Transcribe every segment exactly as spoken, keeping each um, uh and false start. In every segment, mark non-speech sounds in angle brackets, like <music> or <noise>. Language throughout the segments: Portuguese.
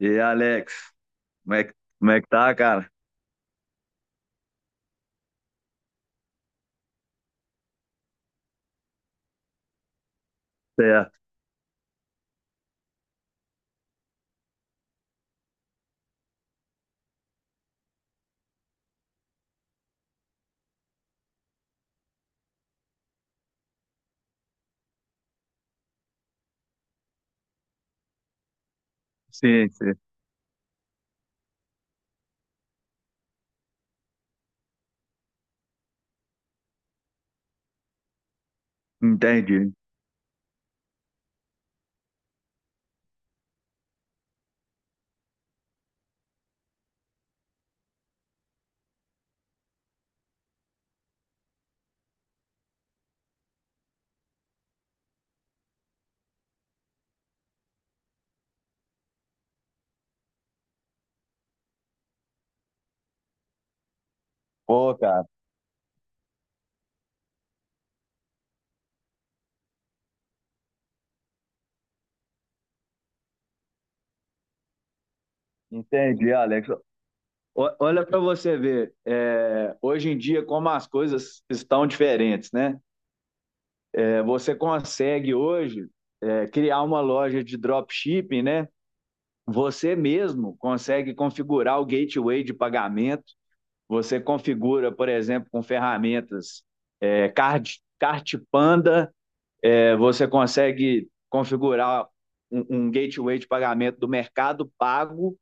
E aí, Alex, como é que, como é que tá, cara? Certo, sim, sim, entendi. Pô, cara, entendi, Alex. O- olha pra você ver, é, hoje em dia como as coisas estão diferentes, né? É, você consegue hoje é, criar uma loja de dropshipping, né? Você mesmo consegue configurar o gateway de pagamento. Você configura, por exemplo, com ferramentas é, Card, Cart Panda. É, você consegue configurar um, um gateway de pagamento do mercado pago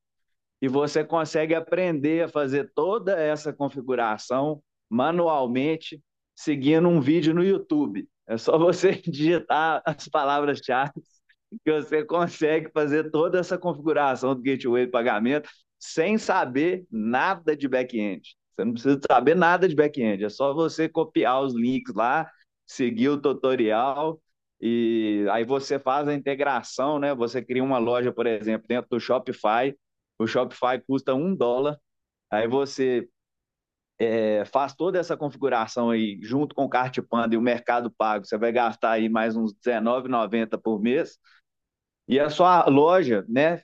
e você consegue aprender a fazer toda essa configuração manualmente seguindo um vídeo no YouTube. É só você <laughs> digitar as palavras-chave que você consegue fazer toda essa configuração do gateway de pagamento sem saber nada de back-end. Você não precisa saber nada de back-end, é só você copiar os links lá, seguir o tutorial e aí você faz a integração, né? Você cria uma loja, por exemplo, dentro do Shopify. O Shopify custa um dólar. Aí você é, faz toda essa configuração aí junto com o Cartpanda e o Mercado Pago. Você vai gastar aí mais uns R dezenove reais e noventa centavos por mês. E a sua loja, né?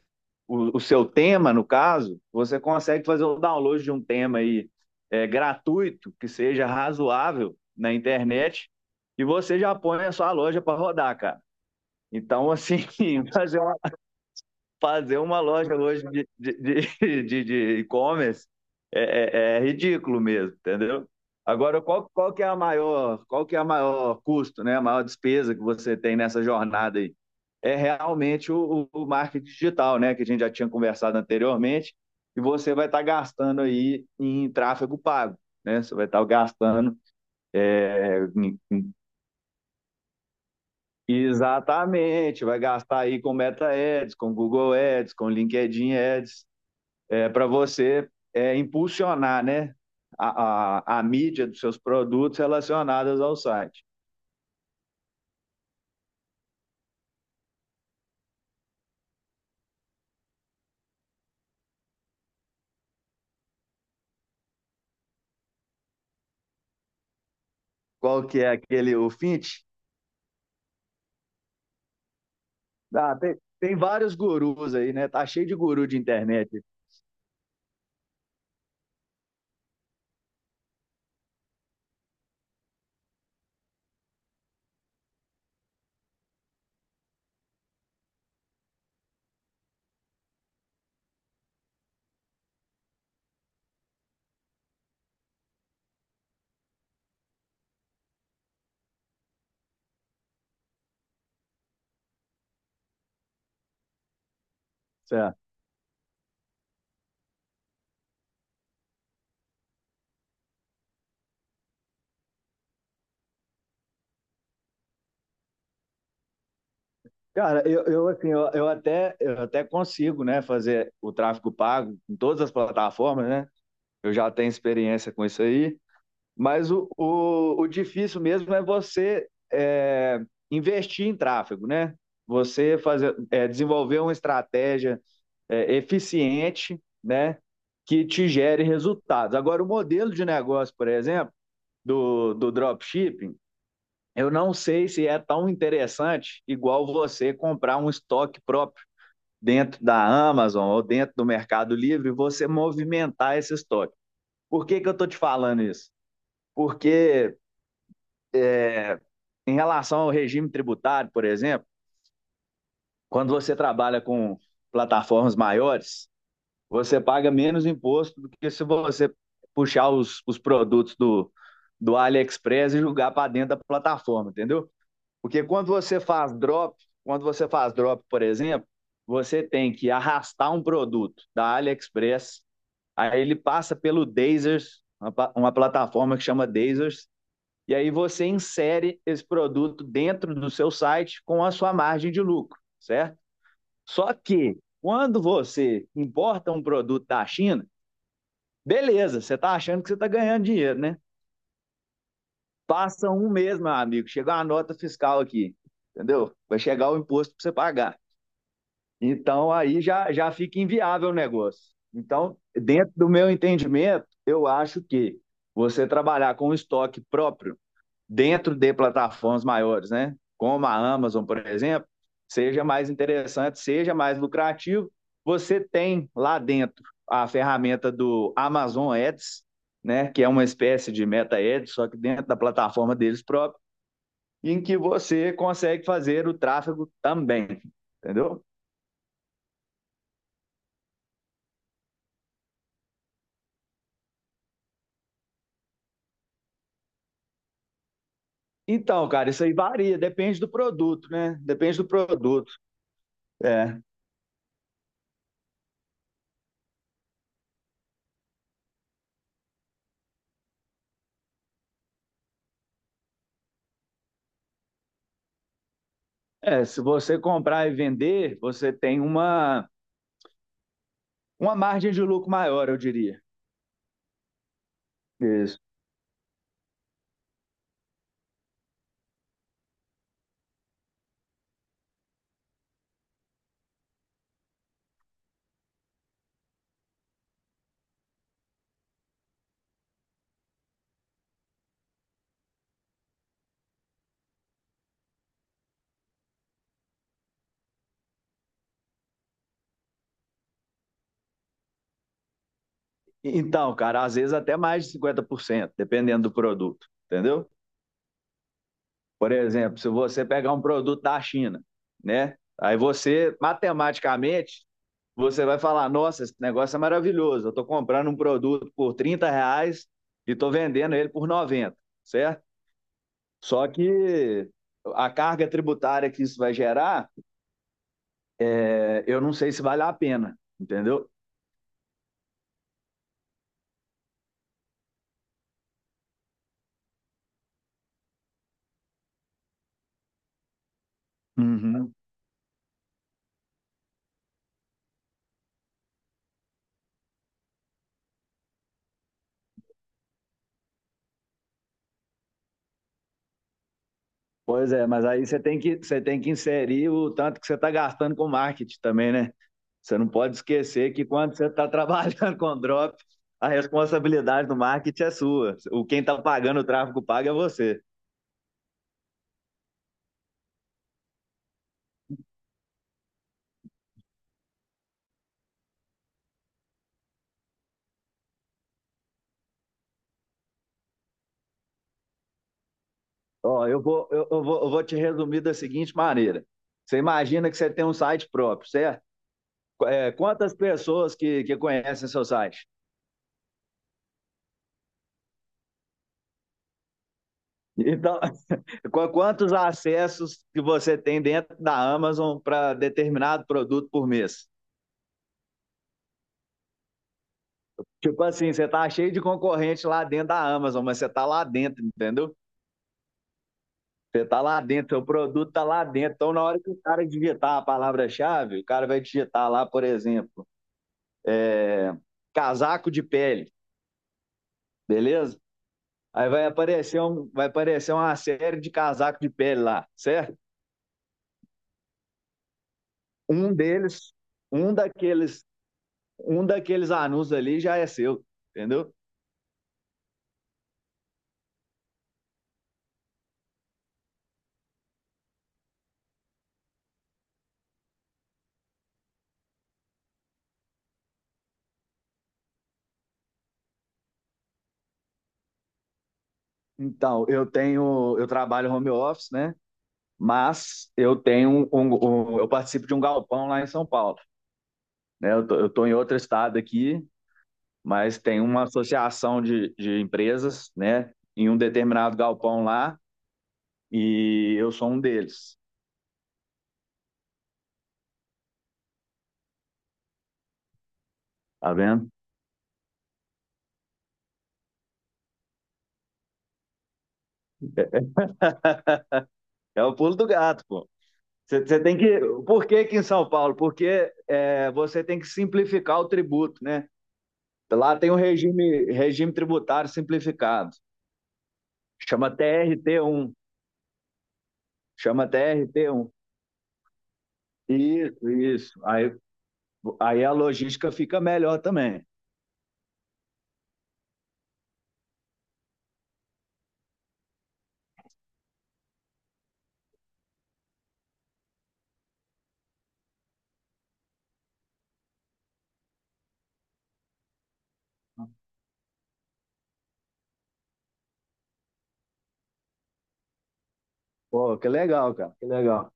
O, o seu tema, no caso, você consegue fazer o download de um tema aí é, gratuito, que seja razoável na internet, e você já põe a sua loja para rodar, cara. Então, assim, <laughs> fazer fazer uma loja hoje de, de, de, <laughs> de de e-commerce é, é, é ridículo mesmo, entendeu? Agora, qual, qual que é a maior, qual que é a maior custo, né? A maior despesa que você tem nessa jornada aí? É realmente o, o marketing digital, né? Que a gente já tinha conversado anteriormente, e você vai estar gastando aí em tráfego pago, né? Você vai estar gastando é, exatamente, vai gastar aí com Meta Ads, com Google Ads, com LinkedIn Ads, é, para você é, impulsionar, né? A, a, a mídia dos seus produtos relacionados ao site. Qual que é aquele, o Fint? Ah, tem, tem vários gurus aí, né? Tá cheio de guru de internet. Certo? Cara, eu, eu assim, eu, eu, até, eu até consigo, né, fazer o tráfego pago em todas as plataformas, né? Eu já tenho experiência com isso aí. Mas o, o, o difícil mesmo é você é, investir em tráfego, né? Você fazer, é, desenvolver uma estratégia é, eficiente, né? Que te gere resultados. Agora, o modelo de negócio, por exemplo, do, do dropshipping, eu não sei se é tão interessante igual você comprar um estoque próprio dentro da Amazon ou dentro do Mercado Livre e você movimentar esse estoque. Por que, que eu estou te falando isso? Porque em relação ao regime tributário, por exemplo, quando você trabalha com plataformas maiores, você paga menos imposto do que se você puxar os, os produtos do, do AliExpress e jogar para dentro da plataforma, entendeu? Porque quando você faz drop, quando você faz drop, por exemplo, você tem que arrastar um produto da AliExpress, aí ele passa pelo Dazers, uma, uma plataforma que chama Dazers, e aí você insere esse produto dentro do seu site com a sua margem de lucro, certo? Só que quando você importa um produto da China, beleza, você está achando que você está ganhando dinheiro, né? Passa um mês, meu amigo, chega uma nota fiscal aqui, entendeu? Vai chegar o imposto para você pagar. Então aí já, já fica inviável o negócio. Então, dentro do meu entendimento, eu acho que você trabalhar com estoque próprio dentro de plataformas maiores, né? Como a Amazon, por exemplo, seja mais interessante, seja mais lucrativo. Você tem lá dentro a ferramenta do Amazon Ads, né? Que é uma espécie de Meta Ads, só que dentro da plataforma deles próprios, em que você consegue fazer o tráfego também, entendeu? Então, cara, isso aí varia, depende do produto, né? Depende do produto. É, é se você comprar e vender, você tem uma, uma margem de lucro maior, eu diria. Isso. Então, cara, às vezes até mais de cinquenta por cento, dependendo do produto, entendeu? Por exemplo, se você pegar um produto da China, né? Aí você, matematicamente, você vai falar, nossa, esse negócio é maravilhoso, eu estou comprando um produto por trinta reais e estou vendendo ele por noventa, certo? Só que a carga tributária que isso vai gerar, é, eu não sei se vale a pena, entendeu? Uhum. Pois é, mas aí você tem que, você tem que inserir o tanto que você está gastando com marketing também, né? Você não pode esquecer que quando você está <laughs> trabalhando com drop, a responsabilidade do marketing é sua. O quem está pagando o tráfego paga é você. Ó, eu vou, eu, eu vou, eu vou te resumir da seguinte maneira. Você imagina que você tem um site próprio, certo? É, quantas pessoas que, que conhecem seu site? Então, <laughs> qu- quantos acessos que você tem dentro da Amazon para determinado produto por mês? Tipo assim, você tá cheio de concorrente lá dentro da Amazon, mas você tá lá dentro, entendeu? Você tá lá dentro, seu produto tá lá dentro. Então, na hora que o cara digitar a palavra-chave, o cara vai digitar lá, por exemplo, é, casaco de pele, beleza? Aí vai aparecer, um, vai aparecer uma série de casaco de pele lá, certo? Um deles, um daqueles, um daqueles anúncios ali já é seu, entendeu? Então, eu tenho, eu trabalho home office, né? Mas eu tenho um, um- um- eu participo de um galpão lá em São Paulo, né? Eu tô, eu tô em outro estado aqui, mas tem uma associação de, de empresas, né? Em um determinado galpão lá e eu sou um deles, tá vendo? É o pulo do gato, pô. Você você tem que, por que que em São Paulo? Porque é, você tem que simplificar o tributo, né? Lá tem um regime, regime tributário simplificado, chama trt um chama trt um. Isso, isso. Aí Aí a logística fica melhor também. Pô, que legal, cara, que legal.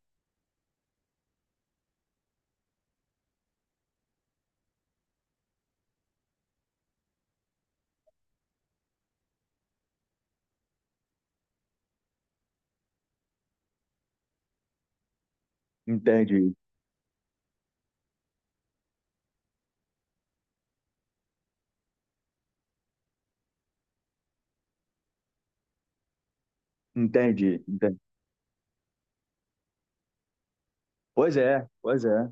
Entendi, entendi, entendi. Pois é, pois é.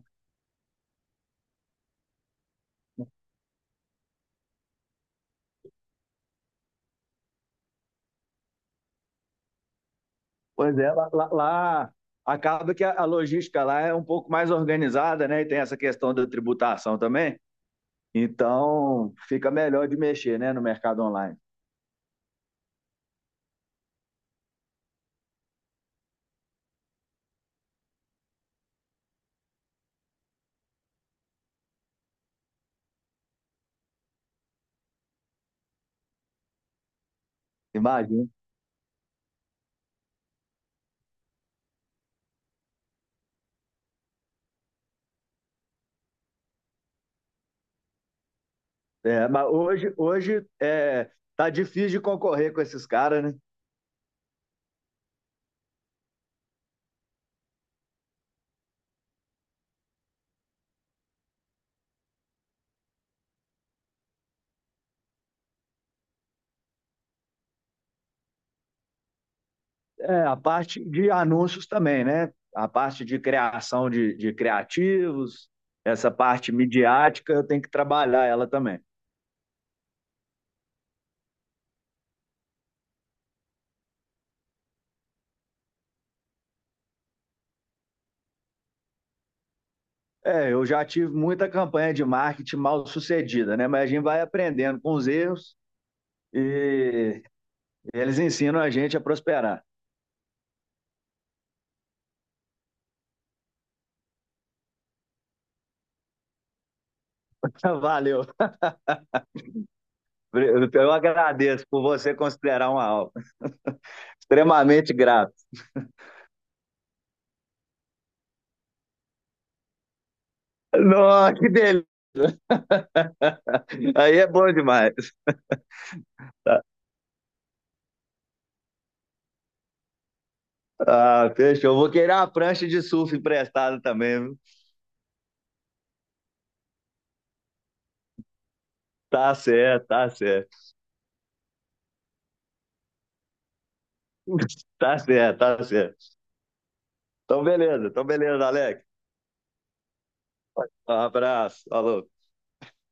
Pois é, lá, lá- lá acaba que a, a logística lá é um pouco mais organizada, né? E tem essa questão da tributação também. Então, fica melhor de mexer, né, no mercado online. Imagina. É, mas hoje, hoje é, tá difícil de concorrer com esses caras, né? É, a parte de anúncios também, né? A parte de criação de, de criativos, essa parte midiática, eu tenho que trabalhar ela também. É, eu já tive muita campanha de marketing mal sucedida, né? Mas a gente vai aprendendo com os erros e eles ensinam a gente a prosperar. <laughs> Valeu. Eu agradeço por você considerar uma aula. Extremamente grato. Nossa, que delícia! <laughs> Aí é bom demais. Ah, fechou. Vou querer uma prancha de surf emprestada também, viu? Tá certo, tá certo. <laughs> Tá certo, tá certo. Então, beleza, então, beleza, Alex. Um abraço, falou.